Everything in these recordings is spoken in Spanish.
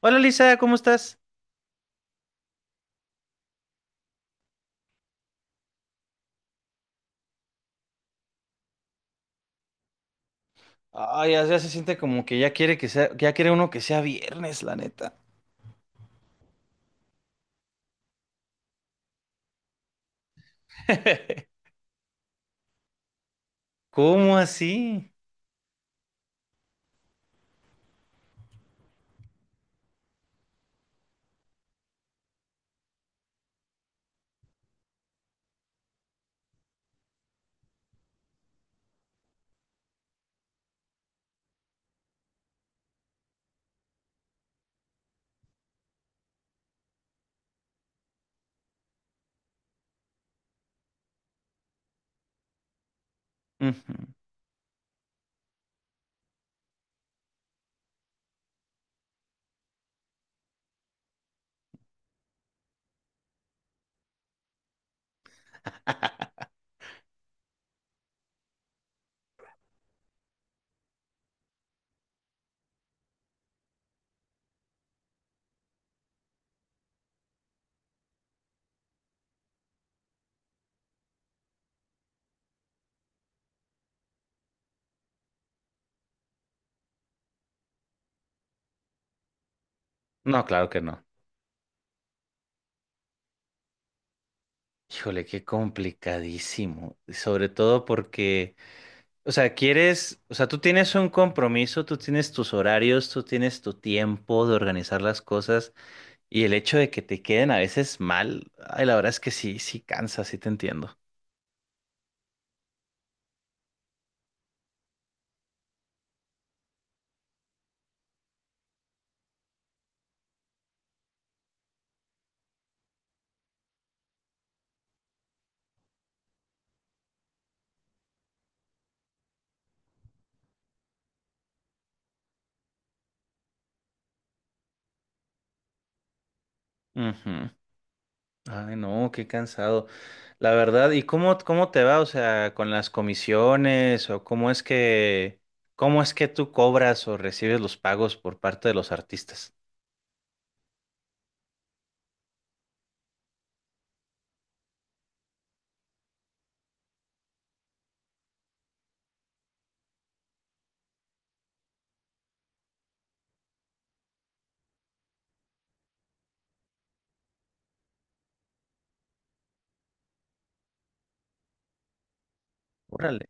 Hola Lisa, ¿cómo estás? Ay, ya, ya se siente como que ya quiere que sea, ya quiere uno que sea viernes, la neta. ¿Cómo así? Ujú. No, claro que no. Híjole, qué complicadísimo. Y sobre todo porque, o sea, quieres, o sea, tú tienes un compromiso, tú tienes tus horarios, tú tienes tu tiempo de organizar las cosas y el hecho de que te queden a veces mal, ay, la verdad es que sí, sí cansa, sí te entiendo. Ujú. Ay, no, qué cansado. La verdad, ¿y cómo te va? O sea, con las comisiones o cómo es que tú cobras o recibes los pagos por parte de los artistas. Órale.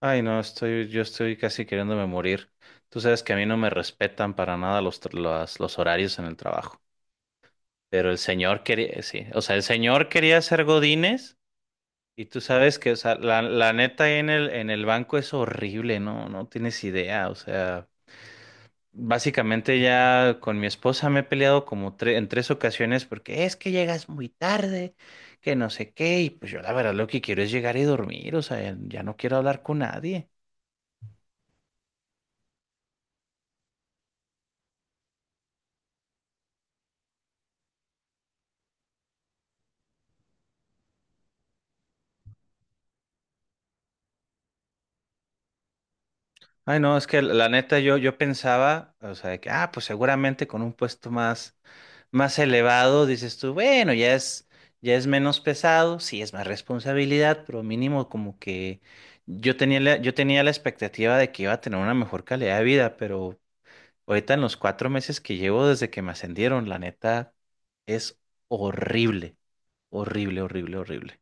Ay, no, yo estoy casi queriéndome morir. Tú sabes que a mí no me respetan para nada los horarios en el trabajo. Pero el señor quería, sí, o sea, el señor quería ser godines y tú sabes que, o sea, la neta ahí en el banco es horrible, ¿no? No tienes idea, o sea. Básicamente ya con mi esposa me he peleado como en tres ocasiones porque es que llegas muy tarde, que no sé qué, y pues yo la verdad lo que quiero es llegar y dormir, o sea, ya no quiero hablar con nadie. Ay, no, es que la neta yo pensaba, o sea, de que, ah, pues seguramente con un puesto más elevado, dices tú, bueno, ya es menos pesado, sí es más responsabilidad, pero mínimo como que yo tenía la expectativa de que iba a tener una mejor calidad de vida, pero... Ahorita en los 4 meses que llevo desde que me ascendieron, la neta es horrible, horrible, horrible, horrible.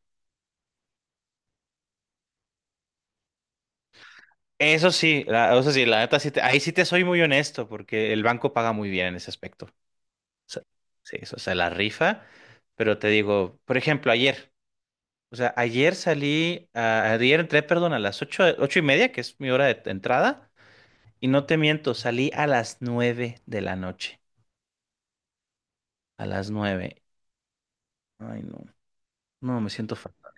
Eso sí, eso sí, la neta sí ahí sí te soy muy honesto porque el banco paga muy bien en ese aspecto. O sea, sí, o sea, la rifa, pero te digo, por ejemplo, ayer, o sea, ayer salí, ayer entré, perdón, a las ocho, ocho y media, que es mi hora de entrada, y no te miento, salí a las nueve de la noche, a las nueve. Ay, no, no, me siento fatal.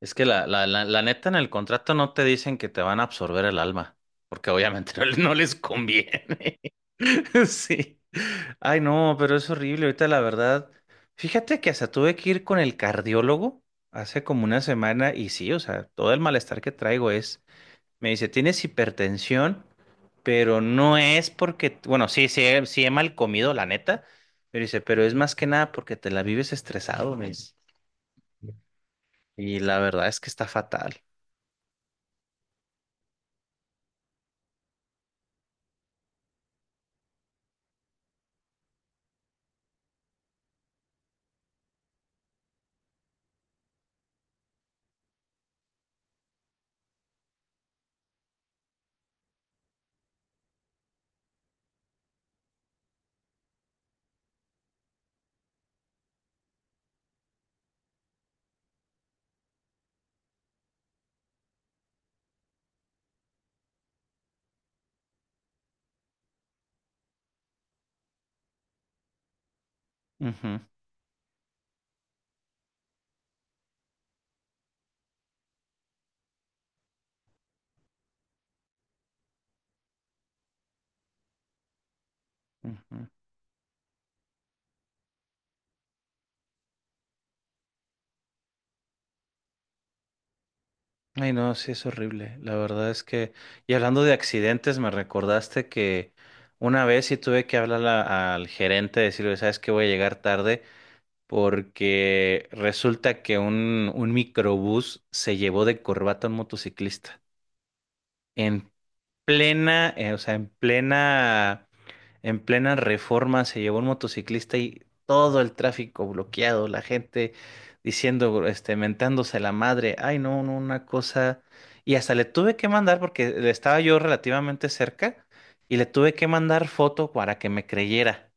Es que la neta en el contrato no te dicen que te van a absorber el alma, porque obviamente no, no les conviene. Sí. Ay, no, pero es horrible. Ahorita la verdad, fíjate que hasta tuve que ir con el cardiólogo hace como una semana y sí, o sea, todo el malestar que traigo es, me dice, tienes hipertensión, pero no es porque, bueno, sí, sí, sí he mal comido, la neta, pero dice, pero es más que nada porque te la vives estresado, me dice. Y la verdad es que está fatal. Ujú. Ujú. Ay, no, sí es horrible. La verdad es que, y hablando de accidentes, me recordaste que una vez sí tuve que hablar al gerente, decirle, ¿sabes qué? Voy a llegar tarde porque resulta que un microbús se llevó de corbata a un motociclista. En plena, o sea, en plena reforma se llevó un motociclista y todo el tráfico bloqueado, la gente diciendo, este, mentándose la madre, ay no, no, una cosa. Y hasta le tuve que mandar, porque le estaba yo relativamente cerca, y le tuve que mandar foto para que me creyera.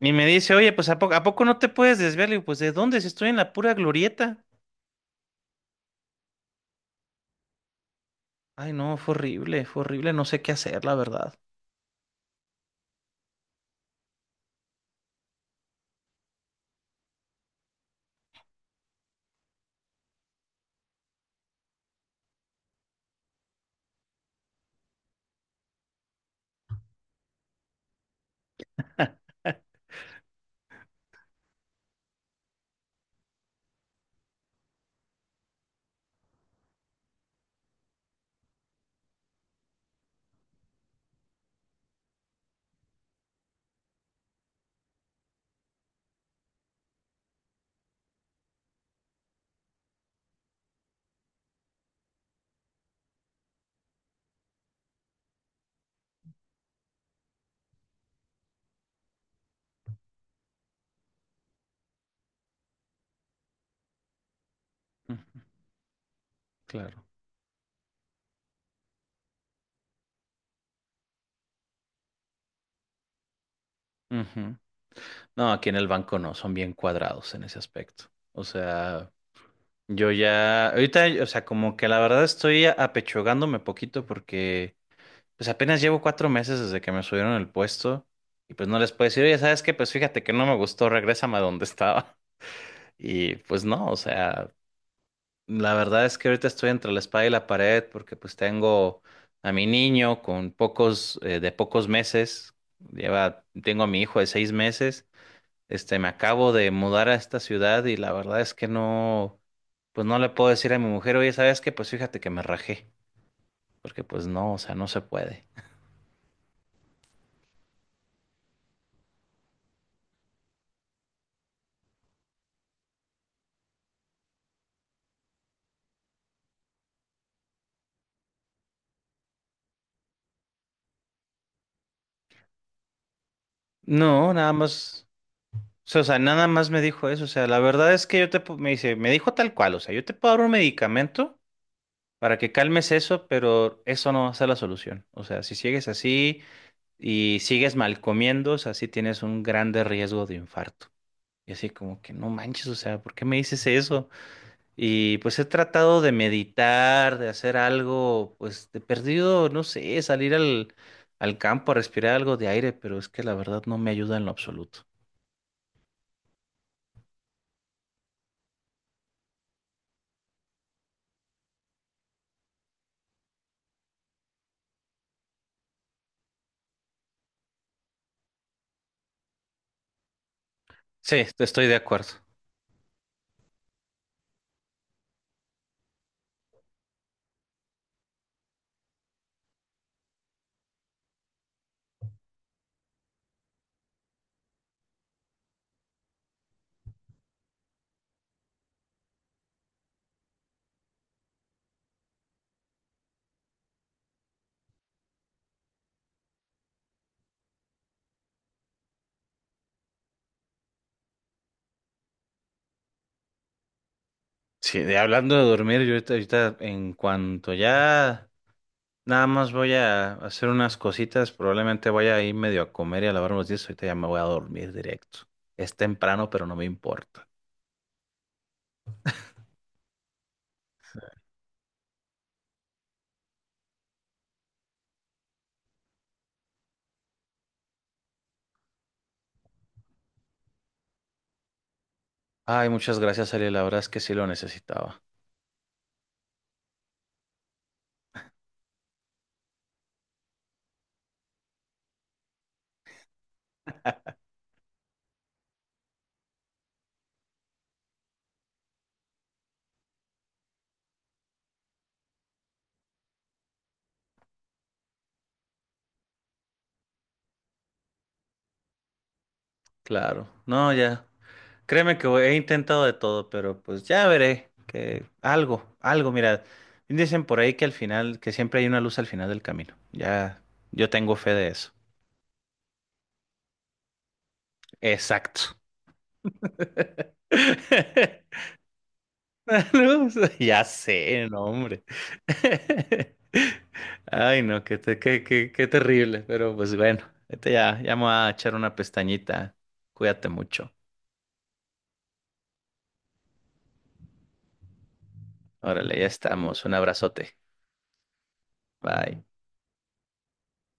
Y me dice, oye, pues a poco no te puedes desviar? Le digo, pues ¿de dónde? Si estoy en la pura glorieta. Ay no, fue horrible, no sé qué hacer, la verdad. Ujú. Claro. Ujú. No, aquí en el banco no, son bien cuadrados en ese aspecto. O sea... Yo ya, ahorita, o sea, como que la verdad estoy apechugándome poquito porque pues apenas llevo 4 meses desde que me subieron el puesto y pues no les puedo decir, oye, ¿sabes qué? Pues fíjate que no me gustó, regrésame a donde estaba. Y pues no, o sea, la verdad es que ahorita estoy entre la espada y la pared porque pues tengo a mi niño con pocos, de pocos meses, lleva, tengo a mi hijo de 6 meses este, me acabo de mudar a esta ciudad y la verdad es que no, pues no le puedo decir a mi mujer, oye, ¿sabes qué? Pues fíjate que me rajé, porque pues no, o sea, no se puede. No, nada más, o sea, nada más me dijo eso, o sea, la verdad es que yo te, me dice, me dijo tal cual, o sea, yo te puedo dar un medicamento para que calmes eso, pero eso no va a ser la solución. O sea, si sigues así y sigues mal comiendo, o sea, sí tienes un grande riesgo de infarto. Y así como que no manches, o sea, ¿por qué me dices eso? Y pues he tratado de meditar, de hacer algo, pues de perdido, no sé, salir al campo a respirar algo de aire, pero es que la verdad no me ayuda en lo absoluto. Sí, estoy de acuerdo. Sí, de hablando de dormir, yo ahorita en cuanto ya nada más voy a hacer unas cositas, probablemente vaya a ir medio a comer y a lavar unos dientes, ahorita ya me voy a dormir directo. Es temprano, pero no me importa. Ay, muchas gracias, Ariel, la verdad es que sí lo necesitaba. Claro. No, ya. Créeme que he intentado de todo, pero pues ya veré que algo, algo, mira, dicen por ahí que al final, que siempre hay una luz al final del camino. Ya, yo tengo fe de eso. Exacto. Una luz. Ya sé, no, hombre. Ay, no, qué, qué, qué, qué terrible, pero pues bueno, este ya, ya me voy a echar una pestañita. Cuídate mucho. Órale, ya estamos. Un abrazote. Bye.